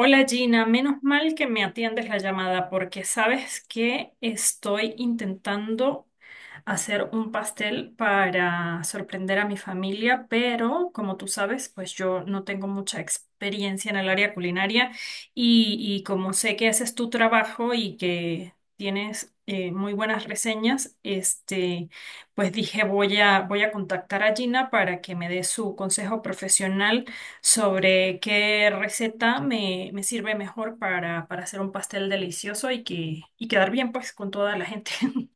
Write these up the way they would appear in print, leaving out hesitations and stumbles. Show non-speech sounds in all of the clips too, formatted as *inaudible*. Hola Gina, menos mal que me atiendes la llamada porque sabes que estoy intentando hacer un pastel para sorprender a mi familia, pero como tú sabes, pues yo no tengo mucha experiencia en el área culinaria y como sé que haces tu trabajo y que tienes muy buenas reseñas, este, pues dije voy a contactar a Gina para que me dé su consejo profesional sobre qué receta me sirve mejor para hacer un pastel delicioso y quedar bien pues con toda la gente. *laughs*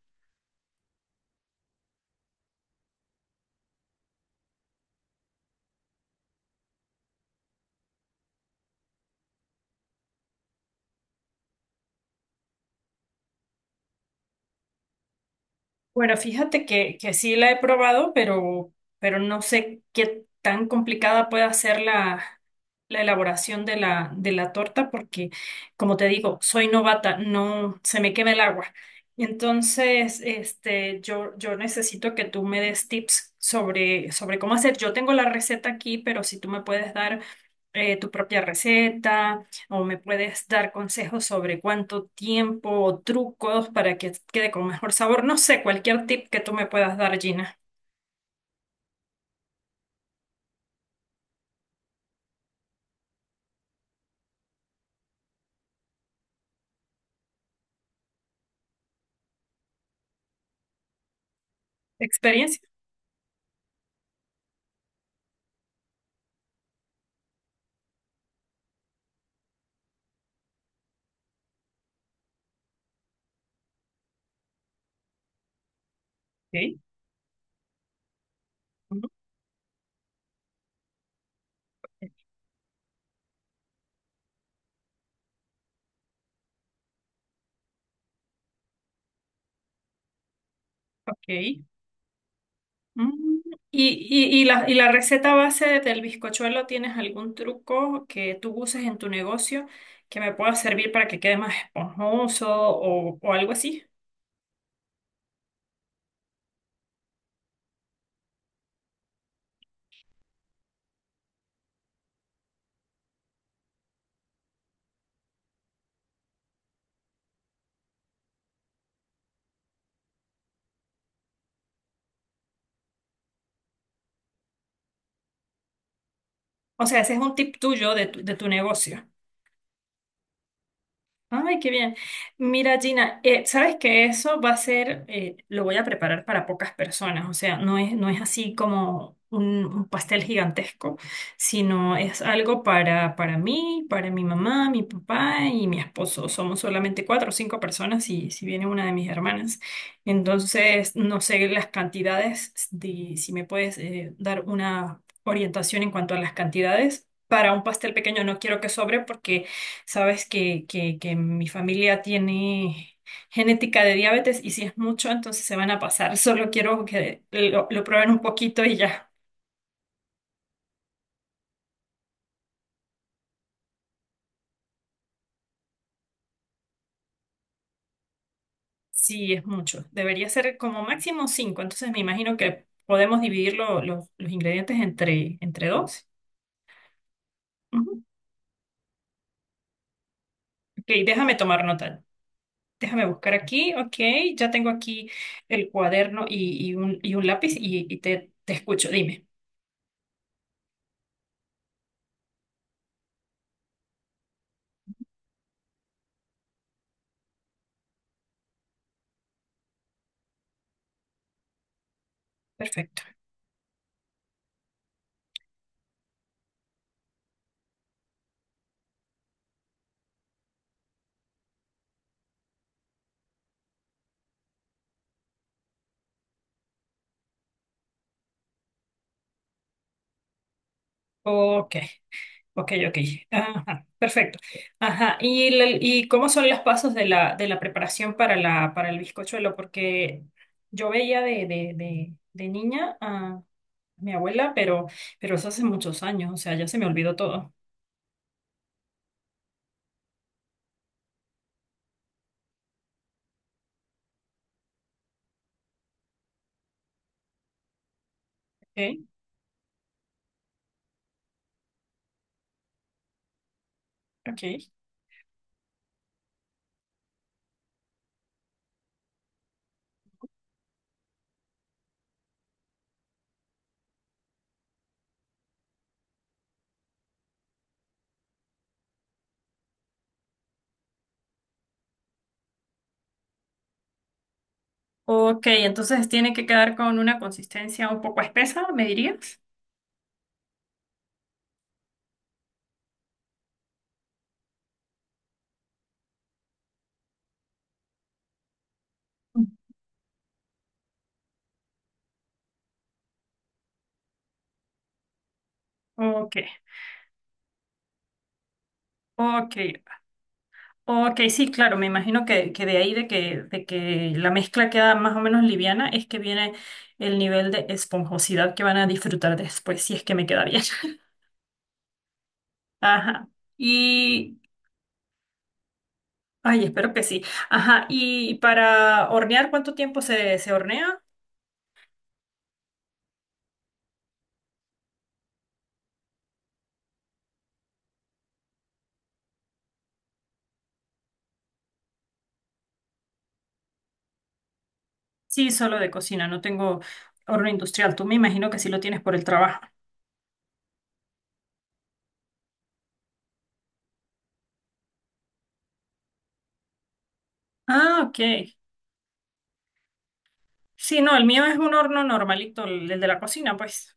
Bueno, fíjate que sí la he probado, pero no sé qué tan complicada pueda ser la elaboración de la torta, porque, como te digo, soy novata, no se me quema el agua. Entonces, este, yo necesito que tú me des tips sobre cómo hacer. Yo tengo la receta aquí, pero si tú me puedes dar tu propia receta o me puedes dar consejos sobre cuánto tiempo o trucos para que quede con mejor sabor. No sé, cualquier tip que tú me puedas dar, Gina. ¿Experiencia? Ok. Ujú. Ok. Mm, ¿Y, y la receta base del bizcochuelo, ¿tienes algún truco que tú uses en tu negocio que me pueda servir para que quede más esponjoso o algo así? O sea, ese es un tip tuyo de tu negocio. Ay, qué bien. Mira, Gina, sabes que eso va a ser, lo voy a preparar para pocas personas, o sea, no es así como un pastel gigantesco, sino es algo para mí, para mi mamá, mi papá y mi esposo. Somos solamente cuatro o cinco personas y si viene una de mis hermanas. Entonces, no sé las cantidades, si me puedes, dar una orientación en cuanto a las cantidades. Para un pastel pequeño no quiero que sobre porque sabes que mi familia tiene genética de diabetes y si es mucho, entonces se van a pasar. *laughs* Solo quiero que lo prueben un poquito y ya. Sí, es mucho. Debería ser como máximo cinco. Entonces me imagino que podemos dividir los ingredientes entre dos. Ujú. Ok, déjame tomar nota. Déjame buscar aquí. Ok, ya tengo aquí el cuaderno y un lápiz y te escucho. Dime. Perfecto. Ok. Ok, ok. Ajá, perfecto. Ajá. ¿Y cómo son los pasos de la preparación para el bizcochuelo? Porque yo veía de niña a mi abuela, pero eso hace muchos años, o sea, ya se me olvidó todo. Ok, ok. Ok, entonces tiene que quedar con una consistencia un poco espesa, ¿me dirías? Mm. Ok, ok. Ok, sí, claro, me imagino que de ahí de que la mezcla queda más o menos liviana es que viene el nivel de esponjosidad que van a disfrutar después, si es que me queda bien. *laughs* Ajá. Y, ay, espero que sí. Ajá. Y para hornear, ¿cuánto tiempo se hornea? Sí, solo de cocina, no tengo horno industrial. Tú me imagino que sí lo tienes por el trabajo. Ah, ok. Sí, no, el mío es un horno normalito, el de la cocina, pues.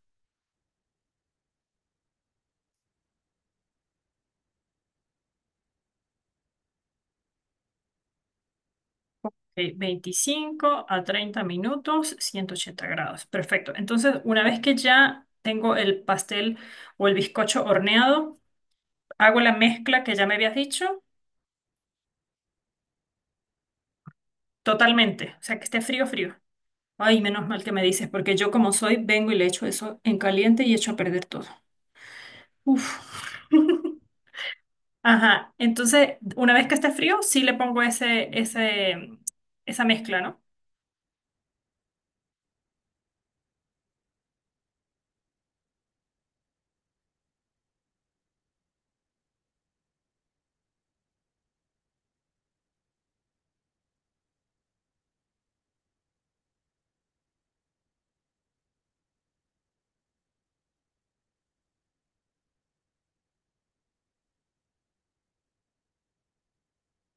Ok, 25 a 30 minutos, 180 grados. Perfecto. Entonces, una vez que ya tengo el pastel o el bizcocho horneado, hago la mezcla que ya me habías dicho totalmente. O sea, que esté frío, frío. Ay, menos mal que me dices, porque yo como soy, vengo y le echo eso en caliente y echo a perder todo. Uf. *laughs* Ajá. Entonces, una vez que esté frío, sí le pongo esa mezcla, ¿no?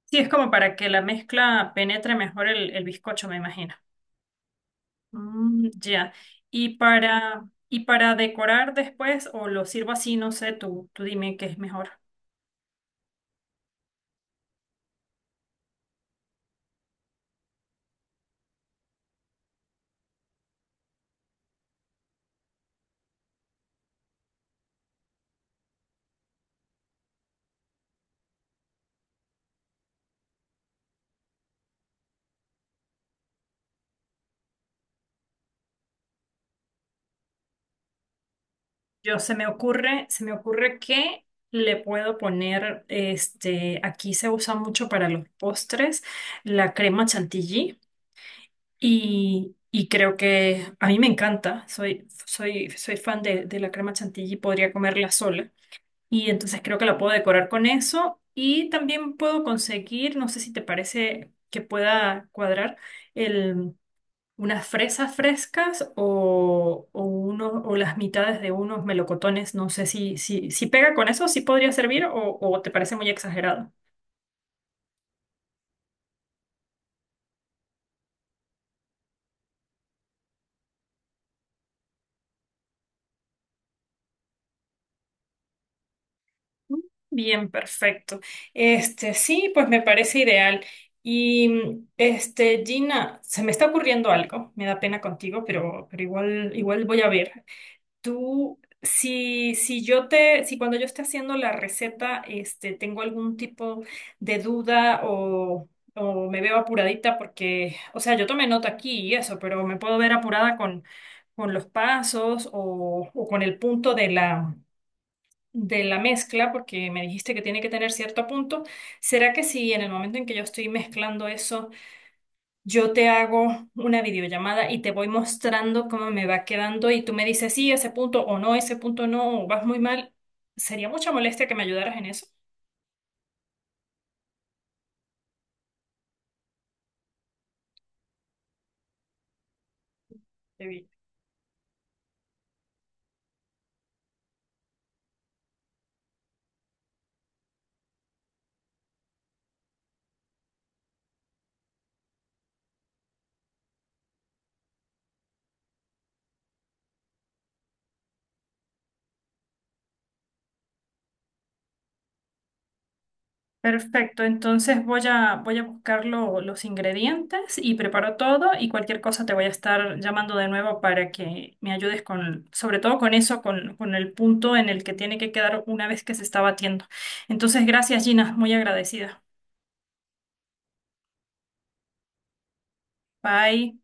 Sí, es como para que la mezcla penetre mejor el bizcocho, me imagino. Mm, ya. Y para decorar después, o lo sirvo así, no sé, tú dime qué es mejor. Yo se me ocurre que le puedo poner, este, aquí se usa mucho para los postres, la crema chantilly. Y creo que a mí me encanta. Soy fan de la crema chantilly, podría comerla sola. Y entonces creo que la puedo decorar con eso. Y también puedo conseguir, no sé si te parece que pueda cuadrar, el, unas fresas frescas o las mitades de unos melocotones. No sé si pega con eso, si podría servir o te parece muy exagerado. Bien, perfecto. Este, sí, pues me parece ideal. Y este, Gina, se me está ocurriendo algo. Me da pena contigo, pero igual voy a ver. Tú, si, si yo te, si cuando yo esté haciendo la receta, este, tengo algún tipo de duda o me veo apuradita porque, o sea, yo tomé nota aquí y eso, pero me puedo ver apurada con los pasos o con el punto de la mezcla, porque me dijiste que tiene que tener cierto punto. ¿Será que si en el momento en que yo estoy mezclando eso, yo te hago una videollamada y te voy mostrando cómo me va quedando y tú me dices, sí, ese punto o no, ese punto no, o vas muy mal? Sería mucha molestia que me ayudaras en eso. Qué bien. Perfecto, entonces voy a, voy a buscar los ingredientes y preparo todo y cualquier cosa te voy a estar llamando de nuevo para que me ayudes con, sobre todo con eso, con el punto en el que tiene que quedar una vez que se está batiendo. Entonces, gracias Gina, muy agradecida. Bye.